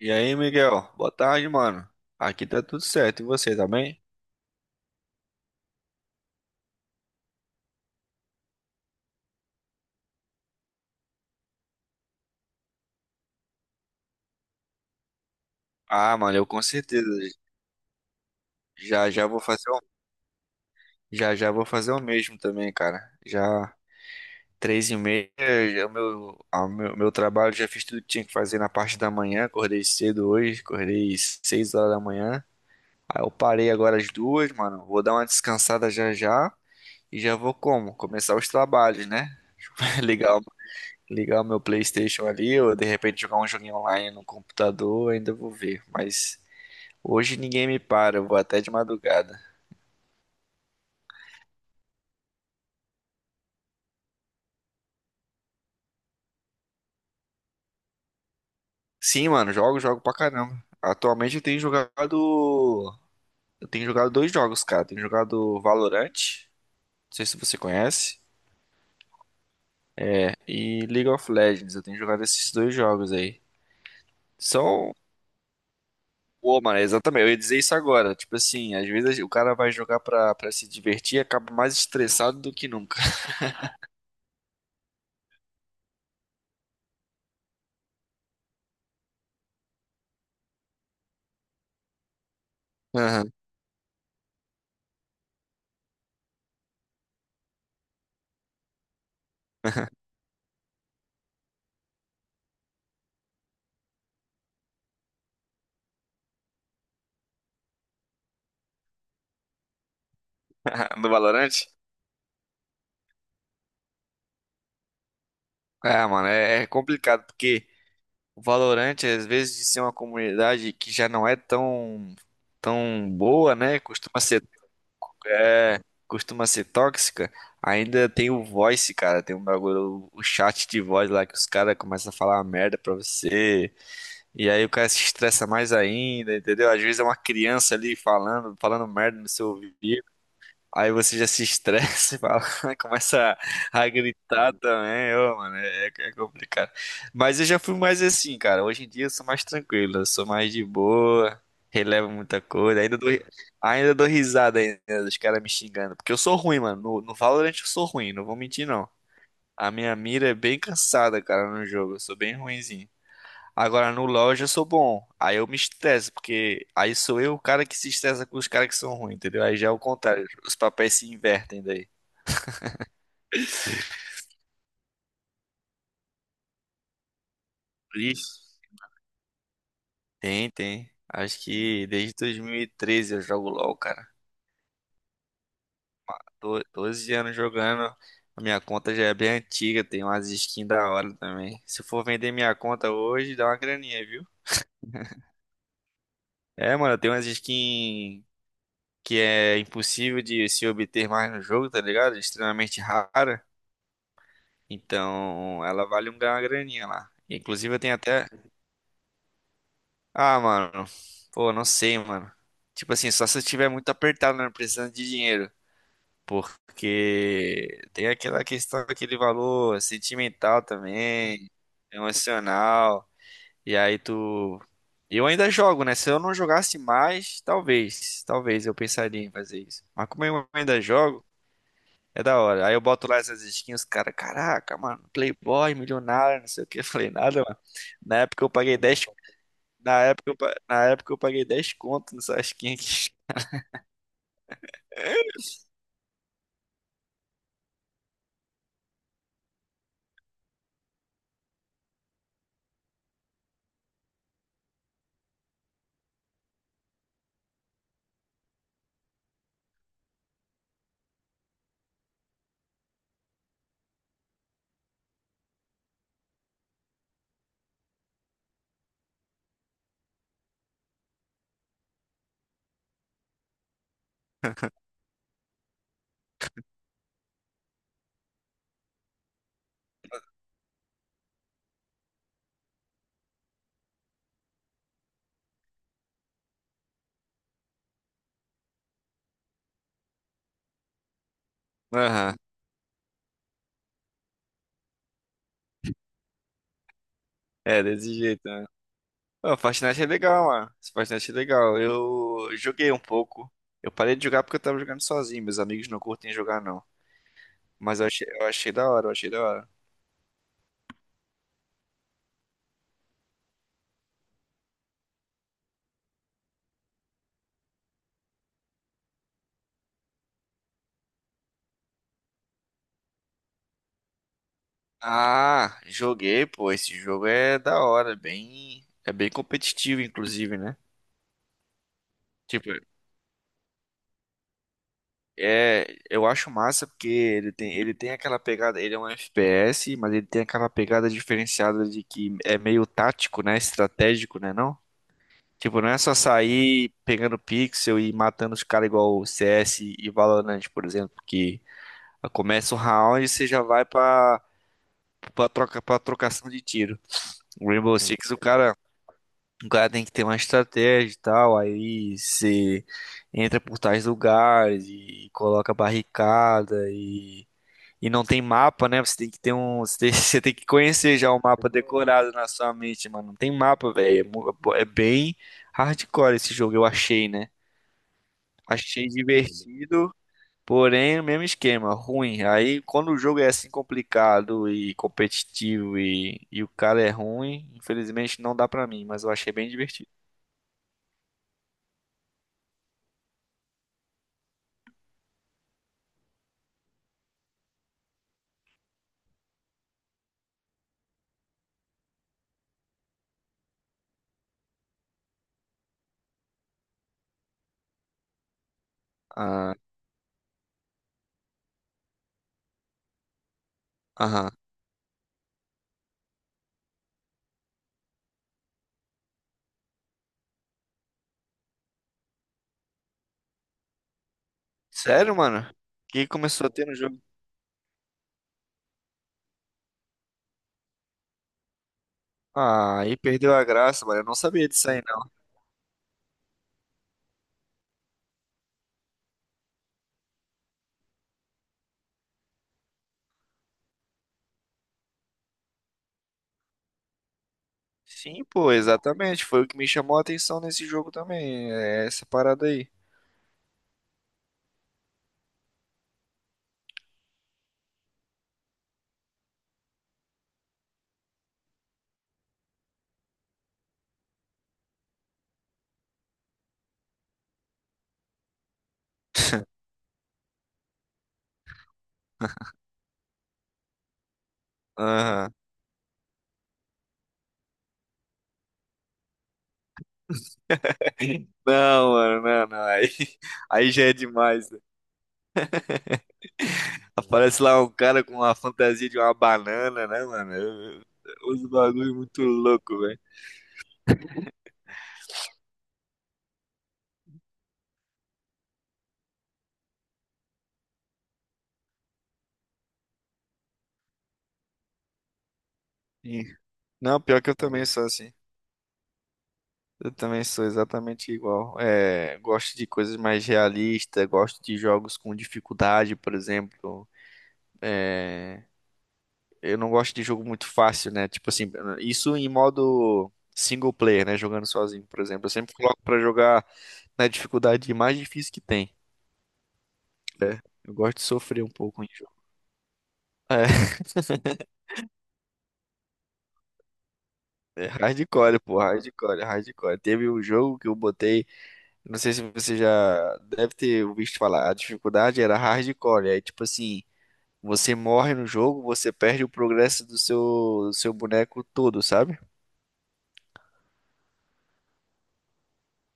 E aí, Miguel? Boa tarde, mano. Aqui tá tudo certo. E você, tá bem? Ah, mano, eu com certeza. Já já vou fazer o... Já já vou fazer o mesmo também, cara. Já três e meia, já o meu, a meu, meu trabalho, já fiz tudo que tinha que fazer na parte da manhã. Acordei cedo hoje, acordei 6 horas da manhã. Aí eu parei agora às duas, mano. Vou dar uma descansada já já e já vou, como? Começar os trabalhos, né? Legal. Ligar o meu PlayStation ali, ou de repente jogar um joguinho online no computador, ainda vou ver. Mas hoje ninguém me para, eu vou até de madrugada. Sim, mano, jogo, jogo pra caramba. Atualmente eu tenho jogado. Eu tenho jogado dois jogos, cara. Eu tenho jogado Valorant, não sei se você conhece, e League of Legends. Eu tenho jogado esses dois jogos aí. São. Pô, mano, exatamente, eu ia dizer isso agora. Tipo assim, às vezes o cara vai jogar pra se divertir e acaba mais estressado do que nunca. Aham. No Valorant? É, mano, é complicado porque o Valorant, às vezes, de ser uma comunidade que já não é tão boa, né? Costuma ser, é, costuma ser tóxica. Ainda tem o voice, cara. Tem um bagulho, o chat de voz lá, que os caras começam a falar uma merda pra você. E aí o cara se estressa mais ainda, entendeu? Às vezes é uma criança ali falando, falando merda no seu ouvido. Aí você já se estressa e fala, começa a gritar também. Ô, mano, é, é complicado. Mas eu já fui mais assim, cara. Hoje em dia eu sou mais tranquilo, eu sou mais de boa, relevo muita coisa. Ainda dou risada ainda dos caras me xingando, porque eu sou ruim, mano. No Valorant eu sou ruim, não vou mentir não. A minha mira é bem cansada, cara, no jogo. Eu sou bem ruim. Agora no LoL eu já sou bom. Aí eu me estresso, porque aí sou eu o cara que se estressa com os caras que são ruins, entendeu? Aí já é o contrário, os papéis se invertem daí. Isso. Tem, tem. Acho que desde 2013 eu jogo LoL, cara. Tô 12 anos jogando. A minha conta já é bem antiga, tem umas skins da hora também. Se eu for vender minha conta hoje, dá uma graninha, viu? É, mano, tem umas skins que é impossível de se obter mais no jogo, tá ligado? Extremamente rara. Então, ela vale um- uma graninha lá. Inclusive, eu tenho até. Ah, mano. Pô, não sei, mano. Tipo assim, só se eu estiver muito apertado, né? Precisando de dinheiro. Porque tem aquela questão daquele valor sentimental também, emocional. E aí tu. Eu ainda jogo, né? Se eu não jogasse mais, talvez. Talvez eu pensaria em fazer isso. Mas como eu ainda jogo. É da hora. Aí eu boto lá essas skins, os cara, caraca, mano, Playboy, milionário, não sei o que. Eu falei, nada, mano. Na época eu paguei 10. Na época eu paguei 10 conto nessa skin aqui. Aham. É, desse jeito, né? Pô, Fortnite é legal, mano. Esse Fortnite é legal. Eu joguei um pouco. Eu parei de jogar porque eu tava jogando sozinho. Meus amigos não curtem jogar, não. Mas eu achei da hora, eu achei da hora. Ah, joguei, pô. Esse jogo é da hora, bem, é bem competitivo, inclusive, né? Tipo, é, eu acho massa porque ele tem aquela pegada, ele é um FPS, mas ele tem aquela pegada diferenciada de que é meio tático, né? Estratégico, né, não? Tipo, não é só sair pegando pixel e matando os caras igual o CS e Valorant, por exemplo, que começa o round e você já vai pra troca, pra trocação de tiro. O Rainbow. Six, o cara tem que ter uma estratégia e tal, aí você entra por tais lugares e coloca barricada. E não tem mapa, né? Você tem que ter um. Você tem, você tem que conhecer já o mapa decorado na sua mente, mano. Não tem mapa, velho. É, mu- é bem hardcore esse jogo, eu achei, né? Achei divertido, porém, o mesmo esquema, ruim. Aí, quando o jogo é assim complicado e competitivo, e o cara é ruim, infelizmente não dá pra mim, mas eu achei bem divertido. Ah, aham. Sério, mano? O que começou a ter no jogo? Ah, aí perdeu a graça, mano. Eu não sabia disso aí. Sim, pô, exatamente. Foi o que me chamou a atenção nesse jogo também. É essa parada aí. Aham. Não, mano, não, não. Aí, aí já é demais, né? Aparece lá um cara com uma fantasia de uma banana, né, mano? Os bagulho muito louco, velho. Sim. Não, pior que eu também sou assim. Eu também sou exatamente igual. É, gosto de coisas mais realistas, gosto de jogos com dificuldade, por exemplo. Eu não gosto de jogo muito fácil, né? Tipo assim, isso em modo single player, né? Jogando sozinho, por exemplo. Eu sempre coloco pra jogar na dificuldade mais difícil que tem. É, eu gosto de sofrer um pouco em jogo. É, é hardcore, pô, hardcore, hardcore. Teve um jogo que eu botei, não sei se você já deve ter visto falar, a dificuldade era hardcore. Aí, tipo assim, você morre no jogo, você perde o progresso do seu boneco todo, sabe?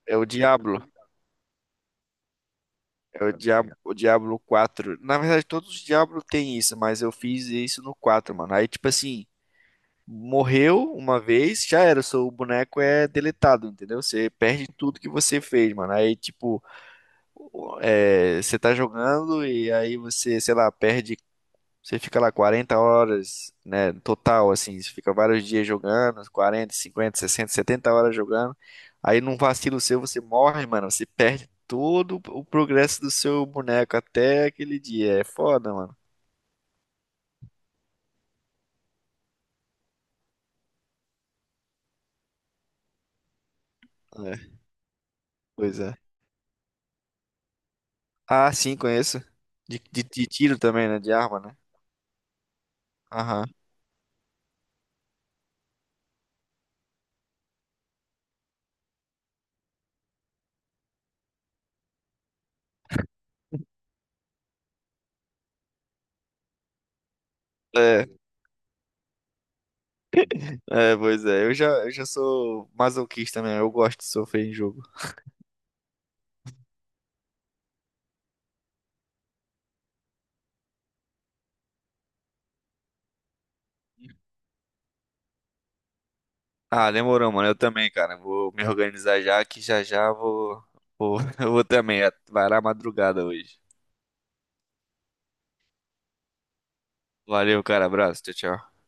É o Diablo. É o Diablo quatro. Na verdade, todos os Diablo têm isso, mas eu fiz isso no quatro, mano. Aí, tipo assim, morreu uma vez, já era. O seu boneco é deletado, entendeu? Você perde tudo que você fez, mano. Aí, tipo, é, você tá jogando e aí você, sei lá, perde, você fica lá 40 horas, né, total, assim, você fica vários dias jogando, 40, 50, 60, 70 horas jogando. Aí num vacilo seu você morre, mano, você perde todo o progresso do seu boneco até aquele dia. É foda, mano. É, pois é. Ah, sim, conheço. De tiro também, né, de arma, né? Aham. É, é, pois é. Eu já sou masoquista mesmo, eu gosto de sofrer em jogo. Ah, demorou, mano. Eu também, cara. Vou me organizar já que já já vou, eu vou também. Vai lá madrugada hoje. Valeu, cara. Abraço. Tchau, tchau.